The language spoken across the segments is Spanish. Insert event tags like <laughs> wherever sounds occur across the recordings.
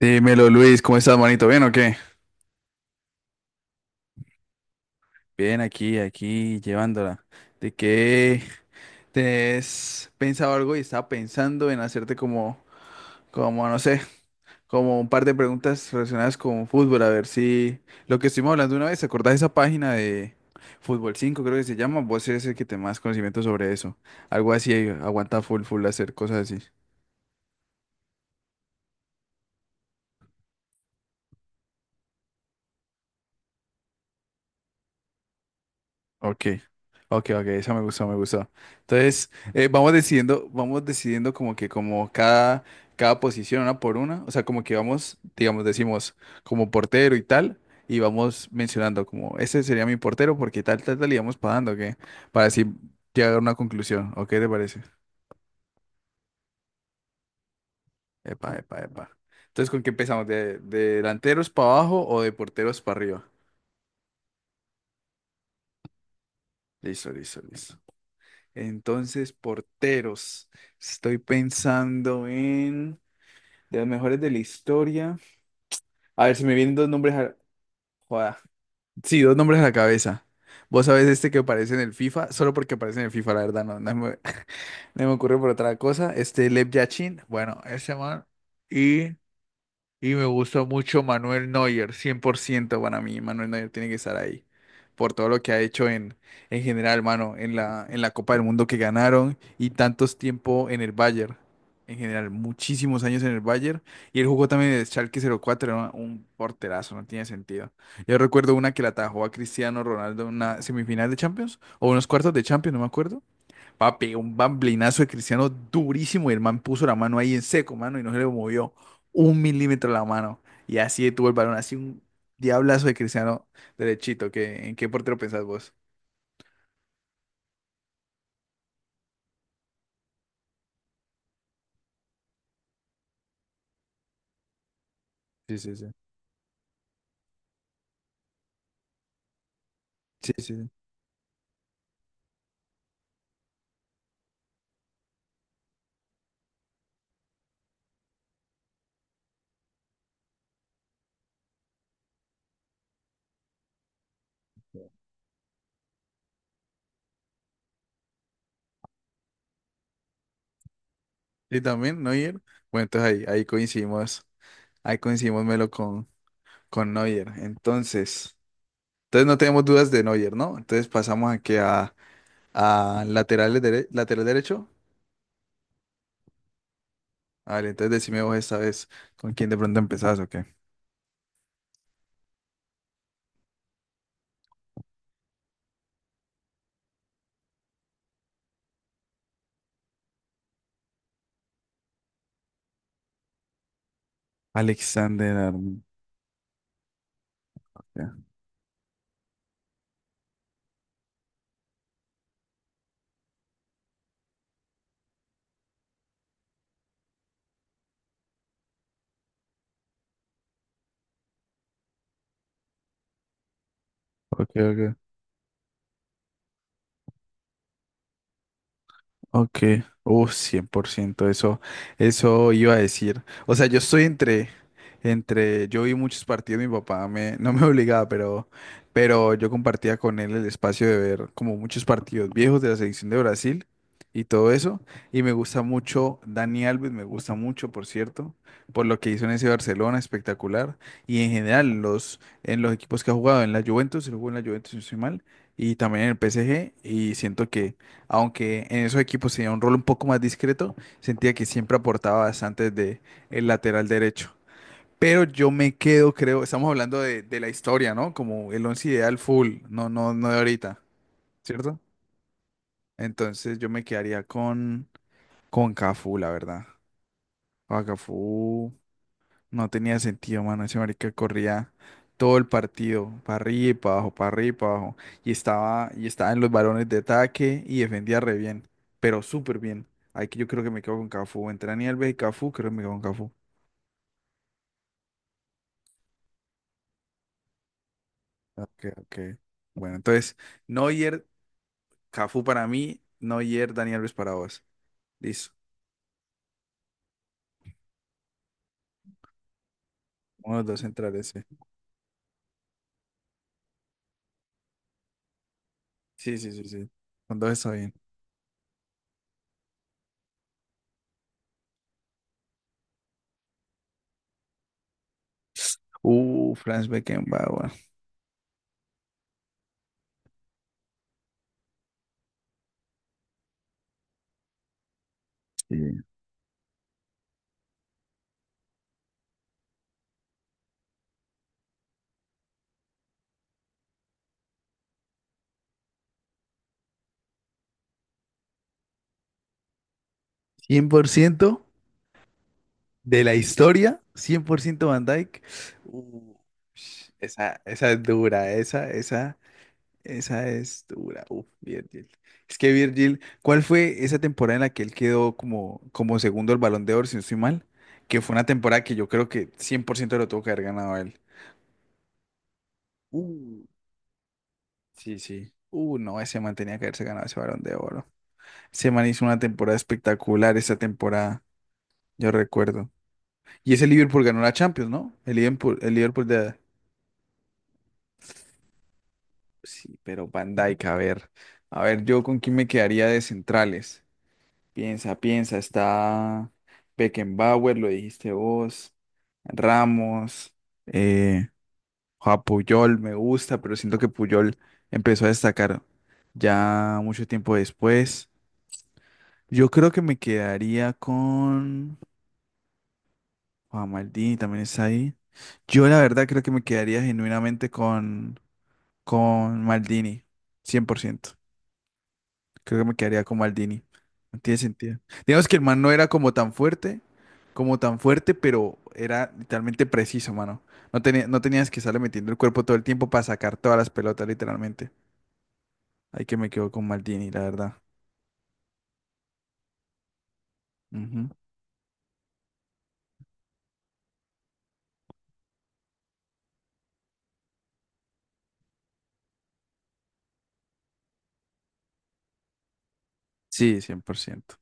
Dímelo, Luis, ¿cómo estás, manito? ¿Bien o qué? Bien, aquí, aquí, llevándola. ¿De qué? ¿Tenés pensado algo y estaba pensando en hacerte como, no sé, como un par de preguntas relacionadas con fútbol? A ver si lo que estuvimos hablando una vez, ¿te acordás de esa página de Fútbol 5, creo que se llama? Vos eres el que te más conocimiento sobre eso. Algo así, aguanta full, full hacer cosas así. Ok, ok, ok, eso me gustó, me gustó. Entonces, vamos decidiendo, como que como cada posición una por una. O sea, como que vamos, digamos, decimos como portero y tal, y vamos mencionando como, este sería mi portero porque tal, tal, tal, y vamos pagando, que para así llegar a una conclusión, ¿o te parece? Epa, epa, epa. Entonces, ¿con qué empezamos? ¿De delanteros para abajo o de porteros para arriba? Listo, listo, listo. Entonces, porteros. Estoy pensando en... De los mejores de la historia. A ver, se me vienen dos nombres a... Joda. Sí, dos nombres a la cabeza. Vos sabés este que aparece en el FIFA, solo porque aparece en el FIFA, la verdad, no me, <laughs> no me ocurre por otra cosa. Este Lev Yachin, bueno, ese man. y y me gusta mucho Manuel Neuer, 100% para mí. Manuel Neuer tiene que estar ahí. Por todo lo que ha hecho en general, mano. En la Copa del Mundo que ganaron y tantos tiempo en el Bayern. En general, muchísimos años en el Bayern. Y él jugó también de Schalke 04, era un porterazo, no tiene sentido. Yo recuerdo una que la atajó a Cristiano Ronaldo en una semifinal de Champions o unos cuartos de Champions, no me acuerdo. Papi, un bamblinazo de Cristiano durísimo y el man puso la mano ahí en seco, mano, y no se le movió un milímetro la mano. Y así tuvo el balón, así un diablazo de Cristiano derechito. ¿Qué, en qué portero pensás vos? Sí, sí, sí. Sí, sí, sí. ¿Y también Neuer? Bueno, entonces ahí coincidimos Melo con Neuer. Entonces, no tenemos dudas de Neuer, ¿no? Entonces pasamos aquí a lateral, lateral derecho. Vale, entonces decime vos esta vez con quién de pronto empezás o qué. Alexander Arm. Ya. Ok, ok. Ok, 100%, eso iba a decir. O sea, yo estoy entre, yo vi muchos partidos, mi papá no me <laughs> obligaba, pero yo compartía con él el espacio de ver como muchos partidos viejos de la selección de Brasil y todo eso. Y me gusta mucho Dani Alves, me gusta mucho, por cierto, por lo que hizo en ese Barcelona, espectacular. Y en general, en los equipos que ha jugado, en la Juventus, él jugó en la Juventus, si no estoy mal, y también en el PSG, y siento que aunque en esos equipos tenía un rol un poco más discreto, sentía que siempre aportaba bastante desde el lateral derecho. Pero yo me quedo, creo, estamos hablando de la historia, ¿no? Como el once ideal full, no, no, no de ahorita, ¿cierto? Entonces yo me quedaría con Cafú, la verdad. Con Cafú. No tenía sentido, mano. Ese marica corría todo el partido, para arriba y para abajo, para arriba y para abajo. Y estaba en los balones de ataque y defendía re bien, pero súper bien. Ahí que yo creo que me quedo con Cafú. Entre Dani Alves y Cafú, creo que me quedo con Cafú. Ok, ok. Bueno, entonces, Neuer, Cafú para mí, Neuer, Dani Alves para vos. Listo. Uno, dos centrales, sí. Sí, sí, sí, sí. Con dos está bien. Franz Beckenbauer. Sí. 100%. De la historia, 100% Van Dyke. Uh, esa es dura, esa es dura. Uf, Virgil. Es que Virgil, ¿cuál fue esa temporada en la que él quedó como segundo el Balón de Oro, si no estoy mal? Que fue una temporada que yo creo que 100% lo tuvo que haber ganado él. Uh, sí, sí. No, ese man tenía que haberse ganado ese Balón de Oro. Ese man hizo una temporada espectacular esa temporada, yo recuerdo. Y ese Liverpool ganó la Champions, ¿no? El Liverpool de, sí, pero Van Dijk, a ver. A ver, yo con quién me quedaría de centrales. Piensa, piensa, está Beckenbauer, lo dijiste vos, Ramos, eh, Joao Puyol, me gusta, pero siento que Puyol empezó a destacar ya mucho tiempo después. Yo creo que me quedaría con Juan Maldini, también está ahí. Yo la verdad creo que me quedaría genuinamente con Maldini, 100%. Creo que me quedaría con Maldini. No tiene sentido. Digamos que el man no era como tan fuerte, pero era literalmente preciso, mano. No tenías que estarle metiendo el cuerpo todo el tiempo para sacar todas las pelotas, literalmente. Ahí que me quedo con Maldini, la verdad. Ujú. Sí, 100%.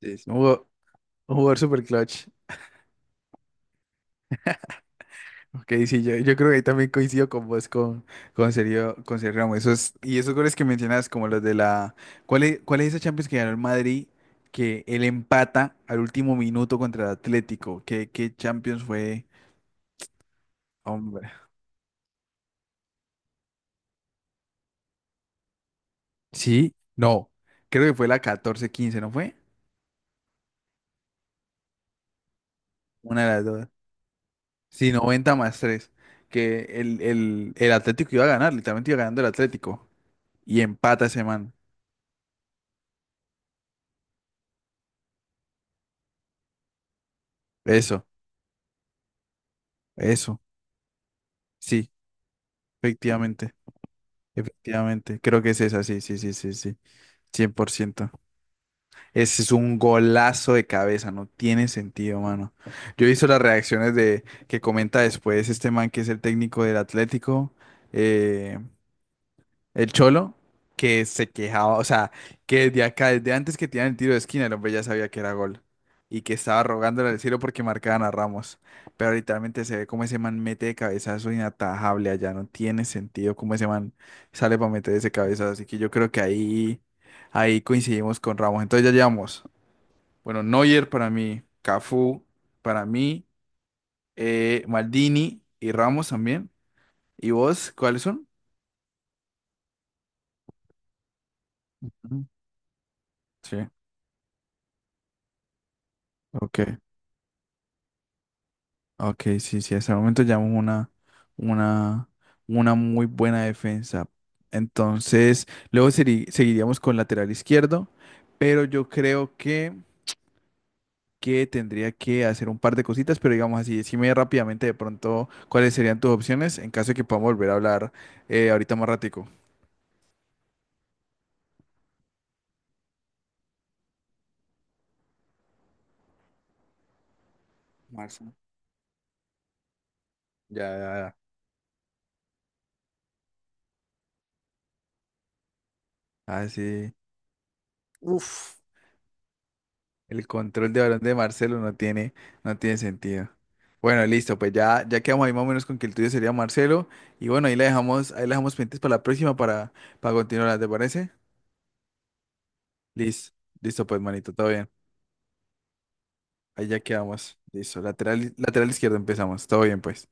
Sí, sí. Un jugador super clutch. Ok, sí, yo creo que ahí también coincido con vos, con Sergio Ramos. Y esos goles que mencionas, como los de la... ¿Cuál es esa Champions que ganó el Madrid, que él empata al último minuto contra el Atlético? ¿Qué Champions fue? Hombre. Sí, no, creo que fue la 14-15, ¿no fue? Una de las dos. Sí, 90+3. Que el Atlético iba a ganar, literalmente iba ganando el Atlético. Y empata ese man. Eso, eso, sí, efectivamente. Efectivamente, creo que es esa, sí, sí, sí, sí, sí, 100%. Ese es un golazo de cabeza, no tiene sentido, mano. Yo he visto las reacciones de que comenta después este man que es el técnico del Atlético, eh, el Cholo, que se quejaba, o sea, que desde acá, desde antes que tiran el tiro de esquina, el hombre ya sabía que era gol. Y que estaba rogándole al cielo porque marcaban a Ramos. Pero literalmente se ve como ese man mete de cabezazo inatajable allá. No tiene sentido cómo ese man sale para meter ese cabezazo. Así que yo creo que ahí coincidimos con Ramos. Entonces ya llevamos, bueno, Neuer para mí, Cafú para mí, Maldini y Ramos también. ¿Y vos cuáles son? Ujú. Sí, ok. Ok, sí, sí, hasta el momento llevamos una, una muy buena defensa. Entonces, luego seguiríamos con lateral izquierdo, pero yo creo que tendría que hacer un par de cositas, pero digamos así, decime rápidamente de pronto cuáles serían tus opciones en caso de que podamos volver a hablar ahorita más ratico. Marzo. Ya, ya, ya. Ah, sí. Uf. El control de balón de Marcelo no tiene sentido. Bueno, listo, pues ya, ya quedamos ahí más o menos con que el tuyo sería Marcelo. Y bueno, ahí la dejamos pendientes para la próxima para continuar, ¿te parece? Listo, listo, pues, manito, todo bien. Ahí ya quedamos. Listo, lateral izquierdo empezamos. Todo bien, pues.